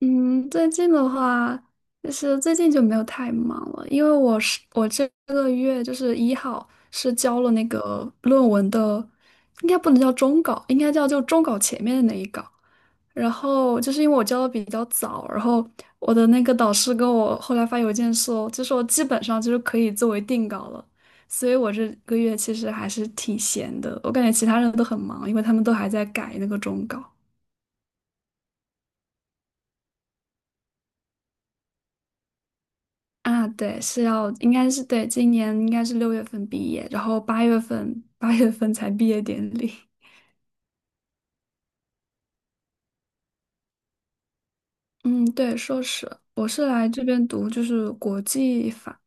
嗯，最近的话，就是最近就没有太忙了，因为我这个月一号是交了那个论文的，应该不能叫终稿，应该叫终稿前面的那一稿。然后因为我交的比较早，然后我的那个导师跟我后来发邮件说，基本上可以作为定稿了，所以我这个月其实还是挺闲的。我感觉其他人都很忙，因为他们都还在改那个终稿。啊，对，是要，应该是，对，今年应该是六月份毕业，然后八月份才毕业典礼。嗯，对，硕士，我是来这边读国际法。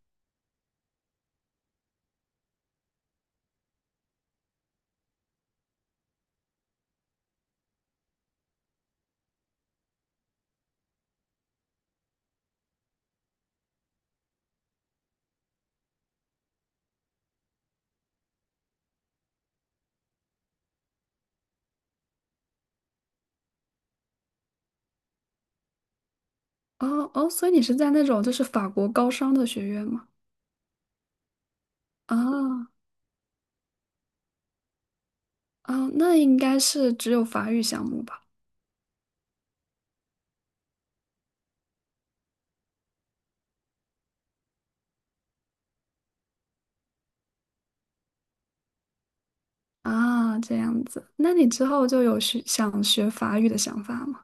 哦哦，所以你是在那种法国高商的学院吗？啊啊，那应该是只有法语项目吧？啊，这样子，那你之后有想学法语的想法吗？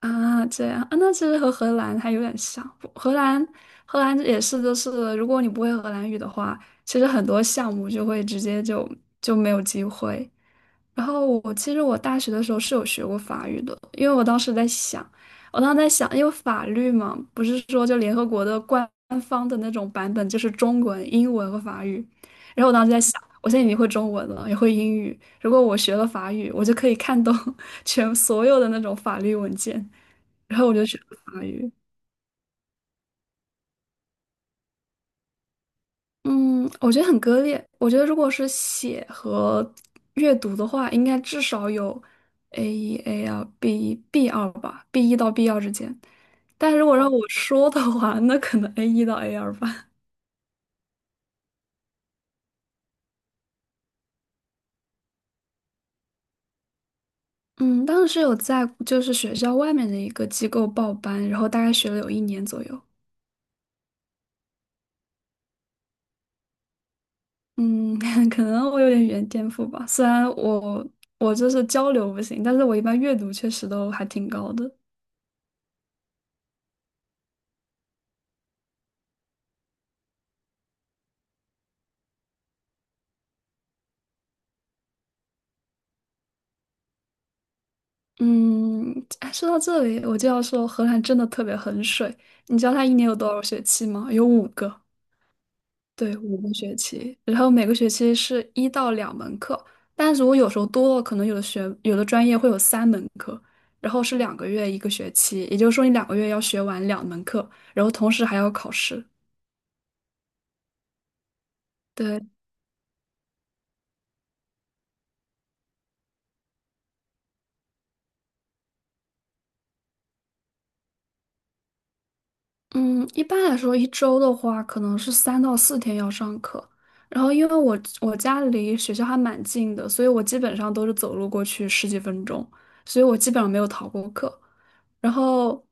啊，这样啊，那其实和荷兰还有点像。不荷兰，荷兰也是，就是如果你不会荷兰语的话，其实很多项目就会直接就没有机会。然后我其实我大学的时候是有学过法语的，因为我当时在想，因为法律嘛，不是说就联合国的官方的那种版本就是中文、英文和法语。然后我当时在想，我现在已经会中文了，也会英语，如果我学了法语，我就可以看懂 全所有的那种法律文件。然后我就学了法语。嗯，我觉得很割裂。我觉得如果是写和阅读的话，应该至少有 A 一、A 二、B 一、B 二吧，B 一到 B 二之间。但如果让我说的话，那可能 A 一到 A 二吧。嗯，当时是有在学校外面的一个机构报班，然后大概学了有一年左右。嗯，可能我有点语言天赋吧，虽然我交流不行，但是我一般阅读确实都还挺高的。嗯，哎，说到这里，我就要说荷兰真的特别很水。你知道它一年有多少学期吗？有五个，对，五个学期。然后每个学期是一到两门课，但如果有时候多了，可能有的专业会有三门课，然后是两个月一个学期，也就是说你两个月要学完两门课，然后同时还要考试。对，嗯，一般来说，一周的话，可能是三到四天要上课。然后，因为我家离学校还蛮近的，所以我基本上都是走路过去十几分钟，所以我基本上没有逃过课。然后，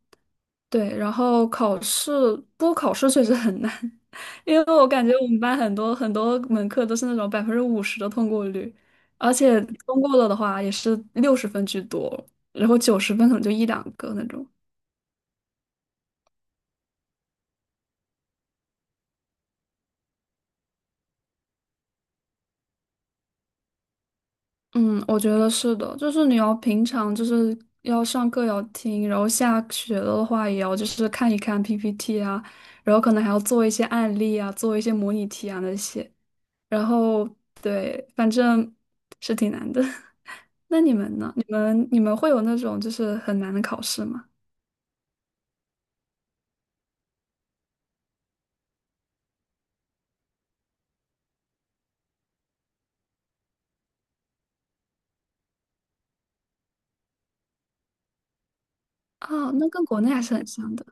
对，然后考试，不过考试确实很难，因为我感觉我们班很多门课都是那种百分之五十的通过率，而且通过了的话也是六十分居多，然后九十分可能就一两个那种。嗯，我觉得是的，就是你要平常要上课要听，然后下学了的话也要看一看 PPT 啊，然后可能还要做一些案例啊，做一些模拟题啊那些，然后对，反正是挺难的。那你们呢？你们会有那种就是很难的考试吗？啊，那跟国内还是很像的。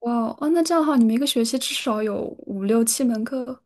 哇哦，哦那这样的话，你们一个学期至少有五六七门课。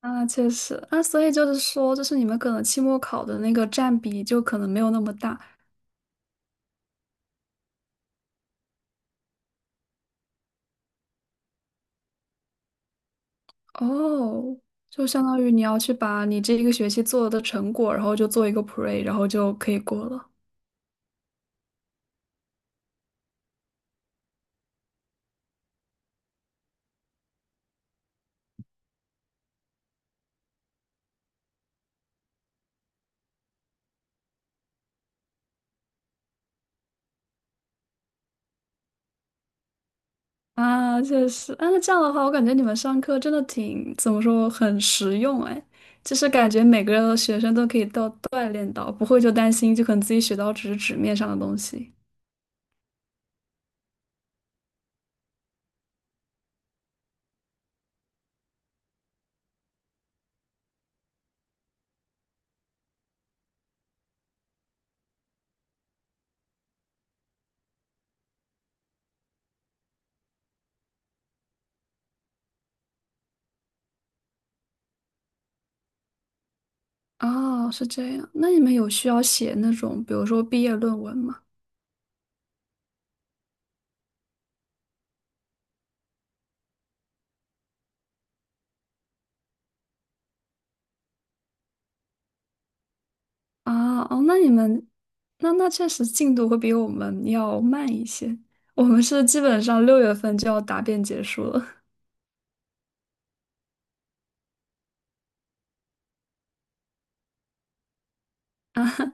啊，确实，那所以就是说，你们可能期末考的那个占比就可能没有那么大。哦，就相当于你要去把你这一个学期做的成果，然后就做一个 pre，然后就可以过了。啊，确实，啊，那这样的话，我感觉你们上课真的挺，怎么说，很实用哎，就是感觉每个学生都可以锻炼到，不会就担心，就可能自己学到只是纸面上的东西。哦，是这样，那你们有需要写那种，比如说毕业论文吗？啊，哦，那你们，那那确实进度会比我们要慢一些。我们是基本上六月份就要答辩结束了。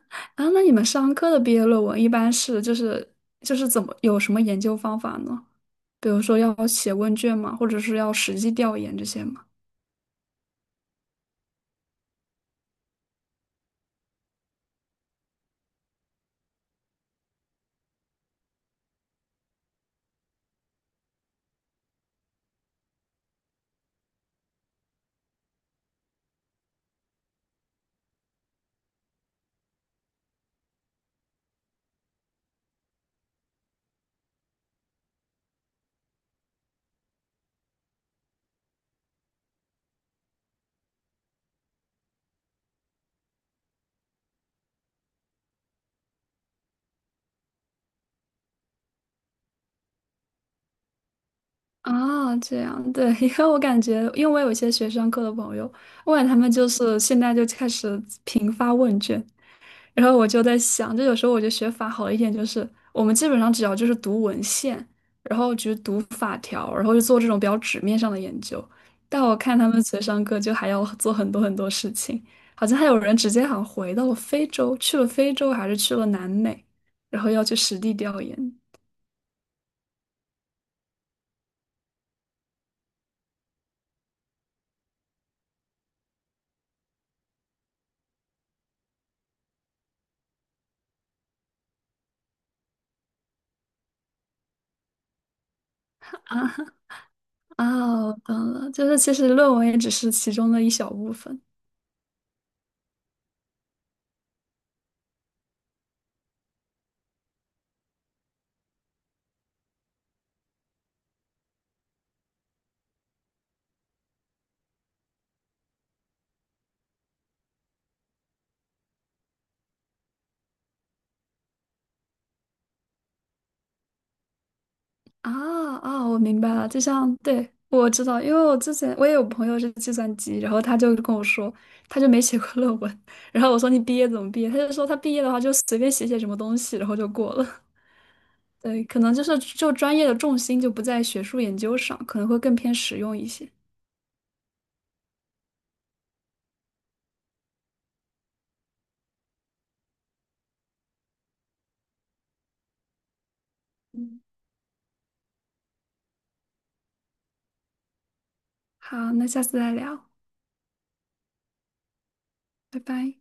啊，那你们商科的毕业论文一般是怎么有什么研究方法呢？比如说要写问卷吗？或者是要实际调研这些吗？啊，这样，对，因为我感觉，因为我有一些学商科的朋友，我感觉他们现在就开始频发问卷，然后我就在想，有时候我觉得学法好一点，就是我们基本上只要读文献，然后就是读法条，然后就做这种比较纸面上的研究。但我看他们学商科就还要做很多事情，好像还有人直接好像回到了非洲，去了非洲还是去了南美，然后要去实地调研啊。 啊！我懂了，就是其实论文也只是其中的一小部分。啊啊，我明白了，就像对我知道，因为我之前也有朋友是计算机，然后他就跟我说，他就没写过论文，然后我说你毕业怎么毕业？他就说他毕业的话就随便写写什么东西，然后就过了。对，可能就是就专业的重心就不在学术研究上，可能会更偏实用一些。嗯，好，那下次再聊，拜拜。